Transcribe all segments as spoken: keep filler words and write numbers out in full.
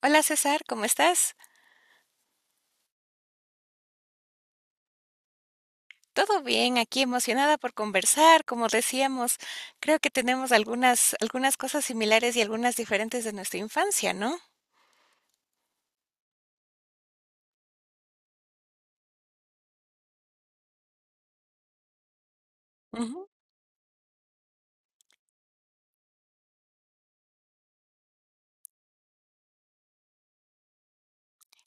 Hola César, ¿cómo estás? Todo bien, aquí emocionada por conversar, como decíamos, creo que tenemos algunas, algunas cosas similares y algunas diferentes de nuestra infancia, ¿no? Ujú.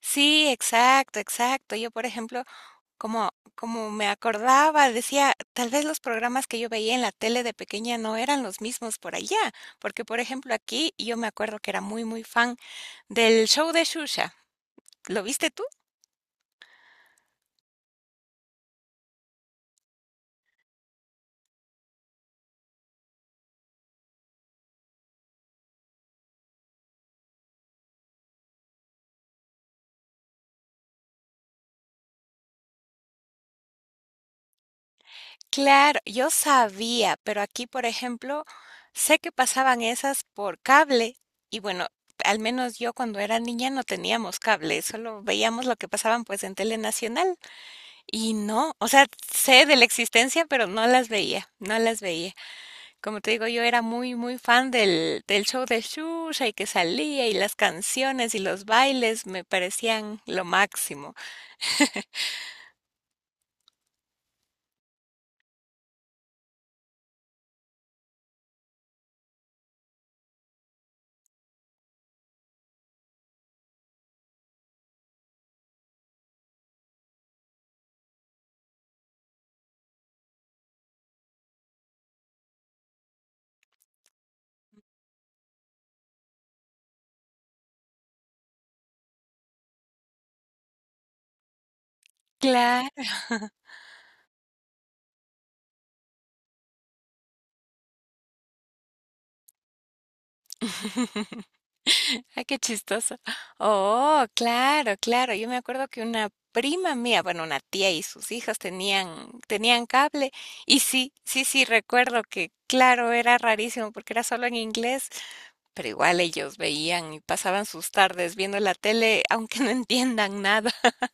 Sí, exacto, exacto. Yo, por ejemplo, como, como me acordaba, decía, tal vez los programas que yo veía en la tele de pequeña no eran los mismos por allá, porque, por ejemplo, aquí yo me acuerdo que era muy, muy fan del show de Shusha. ¿Lo viste tú? Claro, yo sabía, pero aquí, por ejemplo, sé que pasaban esas por cable y bueno, al menos yo cuando era niña no teníamos cable, solo veíamos lo que pasaban pues en Tele Nacional y no, o sea, sé de la existencia, pero no las veía, no las veía. Como te digo, yo era muy, muy fan del, del show de Shusha y que salía y las canciones y los bailes me parecían lo máximo. Claro. Ay, qué chistoso. Oh, claro, claro. Yo me acuerdo que una prima mía, bueno, una tía y sus hijas tenían, tenían cable. Y sí, sí, sí, recuerdo que, claro, era rarísimo porque era solo en inglés, pero igual ellos veían y pasaban sus tardes viendo la tele, aunque no entiendan nada.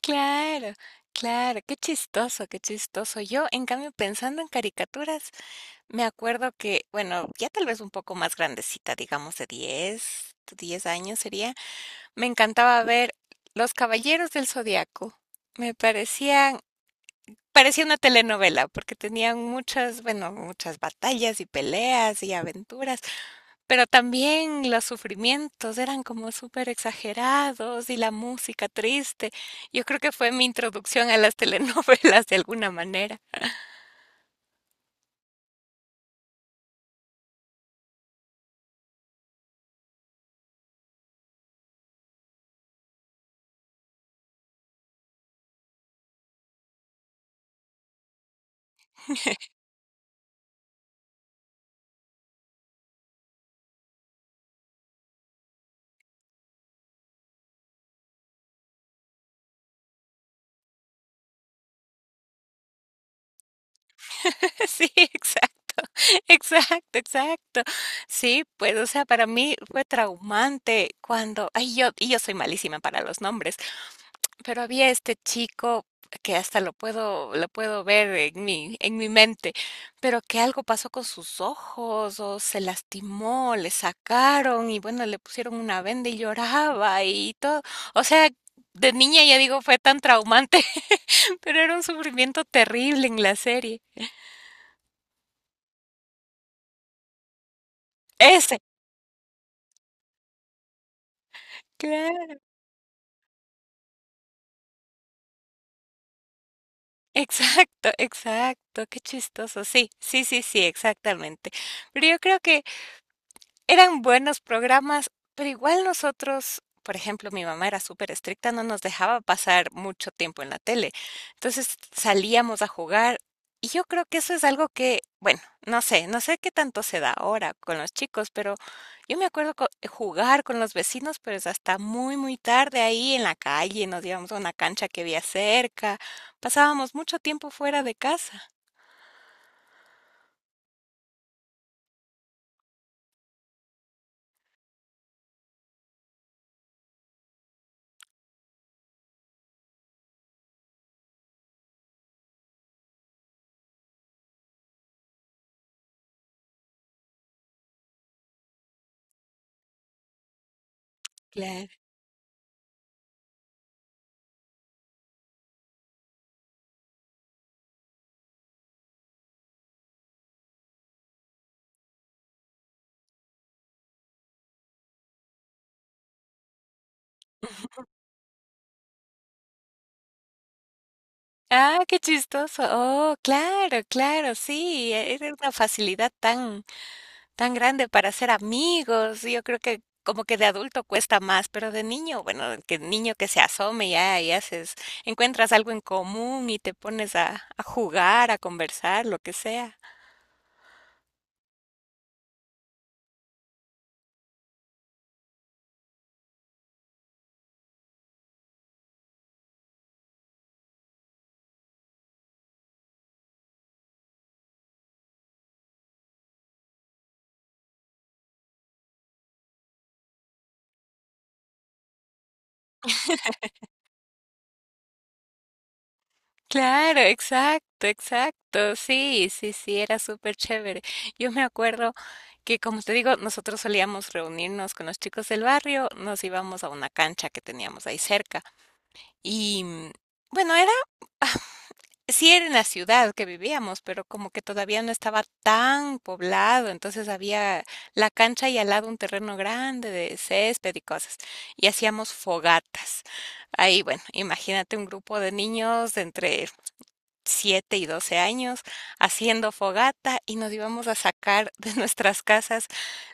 Claro, claro, qué chistoso, qué chistoso. Yo, en cambio, pensando en caricaturas, me acuerdo que, bueno, ya tal vez un poco más grandecita, digamos de diez diez años sería. Me encantaba ver Los Caballeros del Zodiaco. Me parecían, parecía una telenovela porque tenían muchas, bueno, muchas batallas y peleas y aventuras, pero también los sufrimientos eran como súper exagerados y la música triste. Yo creo que fue mi introducción a las telenovelas de alguna manera. Sí, exacto. Exacto, exacto. Sí, pues, o sea, para mí fue traumante cuando, ay, yo, y yo soy malísima para los nombres, pero había este chico que hasta lo puedo, lo puedo ver en mi, en mi mente, pero que algo pasó con sus ojos, o se lastimó, le sacaron, y bueno, le pusieron una venda y lloraba y todo. O sea, de niña ya digo, fue tan traumante, pero era un sufrimiento terrible en la serie. Ese. Claro. Exacto, exacto. Qué chistoso. Sí, sí, sí, sí, exactamente. Pero yo creo que eran buenos programas, pero igual nosotros, por ejemplo, mi mamá era súper estricta, no nos dejaba pasar mucho tiempo en la tele. Entonces salíamos a jugar y yo creo que eso es algo que, bueno, no sé, no sé qué tanto se da ahora con los chicos, pero yo me acuerdo co- eh, jugar con los vecinos, pero es hasta muy, muy tarde ahí en la calle, nos íbamos a una cancha que había cerca, pasábamos mucho tiempo fuera de casa. Ah, qué chistoso. Oh, claro, claro, sí, era una facilidad tan, tan grande para hacer amigos. Yo creo que como que de adulto cuesta más, pero de niño, bueno, que niño que se asome ya y haces, encuentras algo en común y te pones a, a jugar, a conversar, lo que sea. Claro, exacto, exacto. Sí, sí, sí, era súper chévere. Yo me acuerdo que, como te digo, nosotros solíamos reunirnos con los chicos del barrio, nos íbamos a una cancha que teníamos ahí cerca. Y mm, bueno, era, ah, sí era en la ciudad que vivíamos, pero como que todavía no estaba tan poblado, entonces había la cancha y al lado un terreno grande de césped y cosas. Y hacíamos fogatas. Ahí, bueno, imagínate un grupo de niños de entre siete y doce años haciendo fogata y nos íbamos a sacar de nuestras casas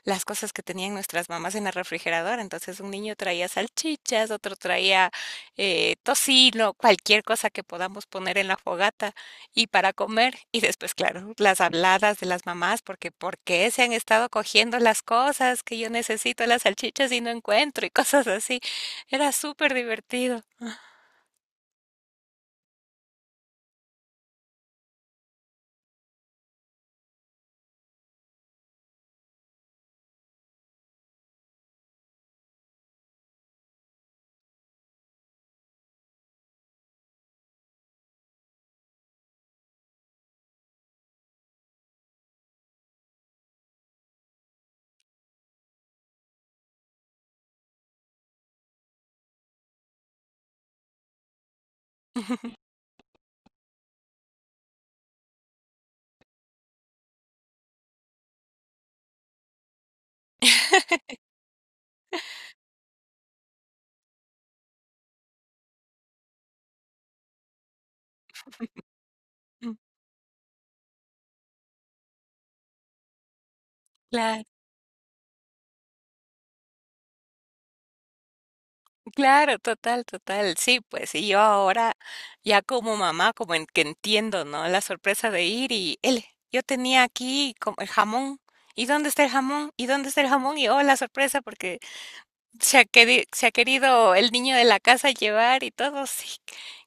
las cosas que tenían nuestras mamás en el refrigerador. Entonces un niño traía salchichas, otro traía eh, tocino, cualquier cosa que podamos poner en la fogata y para comer. Y después, claro, las habladas de las mamás, porque ¿por qué se han estado cogiendo las cosas que yo necesito las salchichas y no encuentro y cosas así? Era súper divertido. Claro. Claro, total, total. Sí, pues, y yo ahora ya como mamá, como en, que entiendo, ¿no? La sorpresa de ir y, él, yo tenía aquí como el jamón. ¿Y dónde está el jamón? ¿Y dónde está el jamón? Y oh, la sorpresa porque se ha querido, se ha querido el niño de la casa llevar y todo. Sí,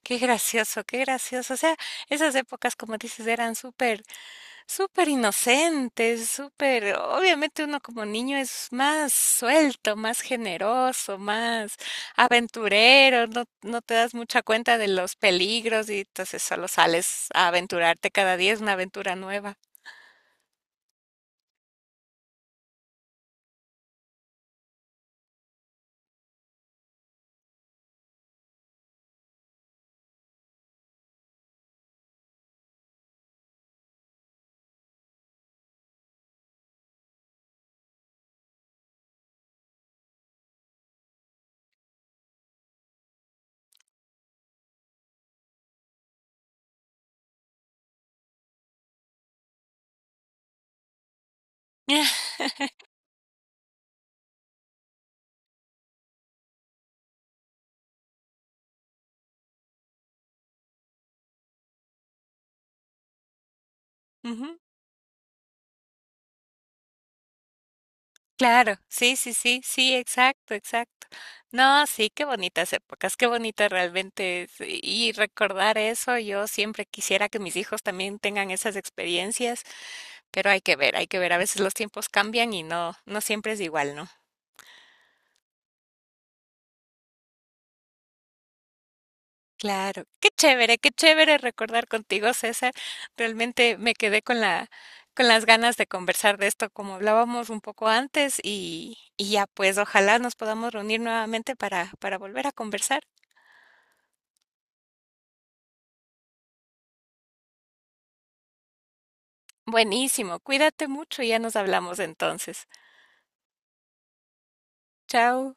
qué gracioso, qué gracioso. O sea, esas épocas, como dices, eran súper súper inocentes, súper, obviamente uno como niño es más suelto, más generoso, más aventurero, no, no te das mucha cuenta de los peligros y entonces solo sales a aventurarte cada día, es una aventura nueva. Ujú. Claro, sí, sí, sí, sí, exacto, exacto. No, sí, qué bonitas épocas, qué bonita realmente es, y recordar eso, yo siempre quisiera que mis hijos también tengan esas experiencias. Pero hay que ver, hay que ver. A veces los tiempos cambian y no, no siempre es igual, ¿no? Claro. Qué chévere, qué chévere recordar contigo, César. Realmente me quedé con la, con las ganas de conversar de esto, como hablábamos un poco antes, y, y ya pues ojalá nos podamos reunir nuevamente para, para volver a conversar. Buenísimo, cuídate mucho y ya nos hablamos entonces. Chao.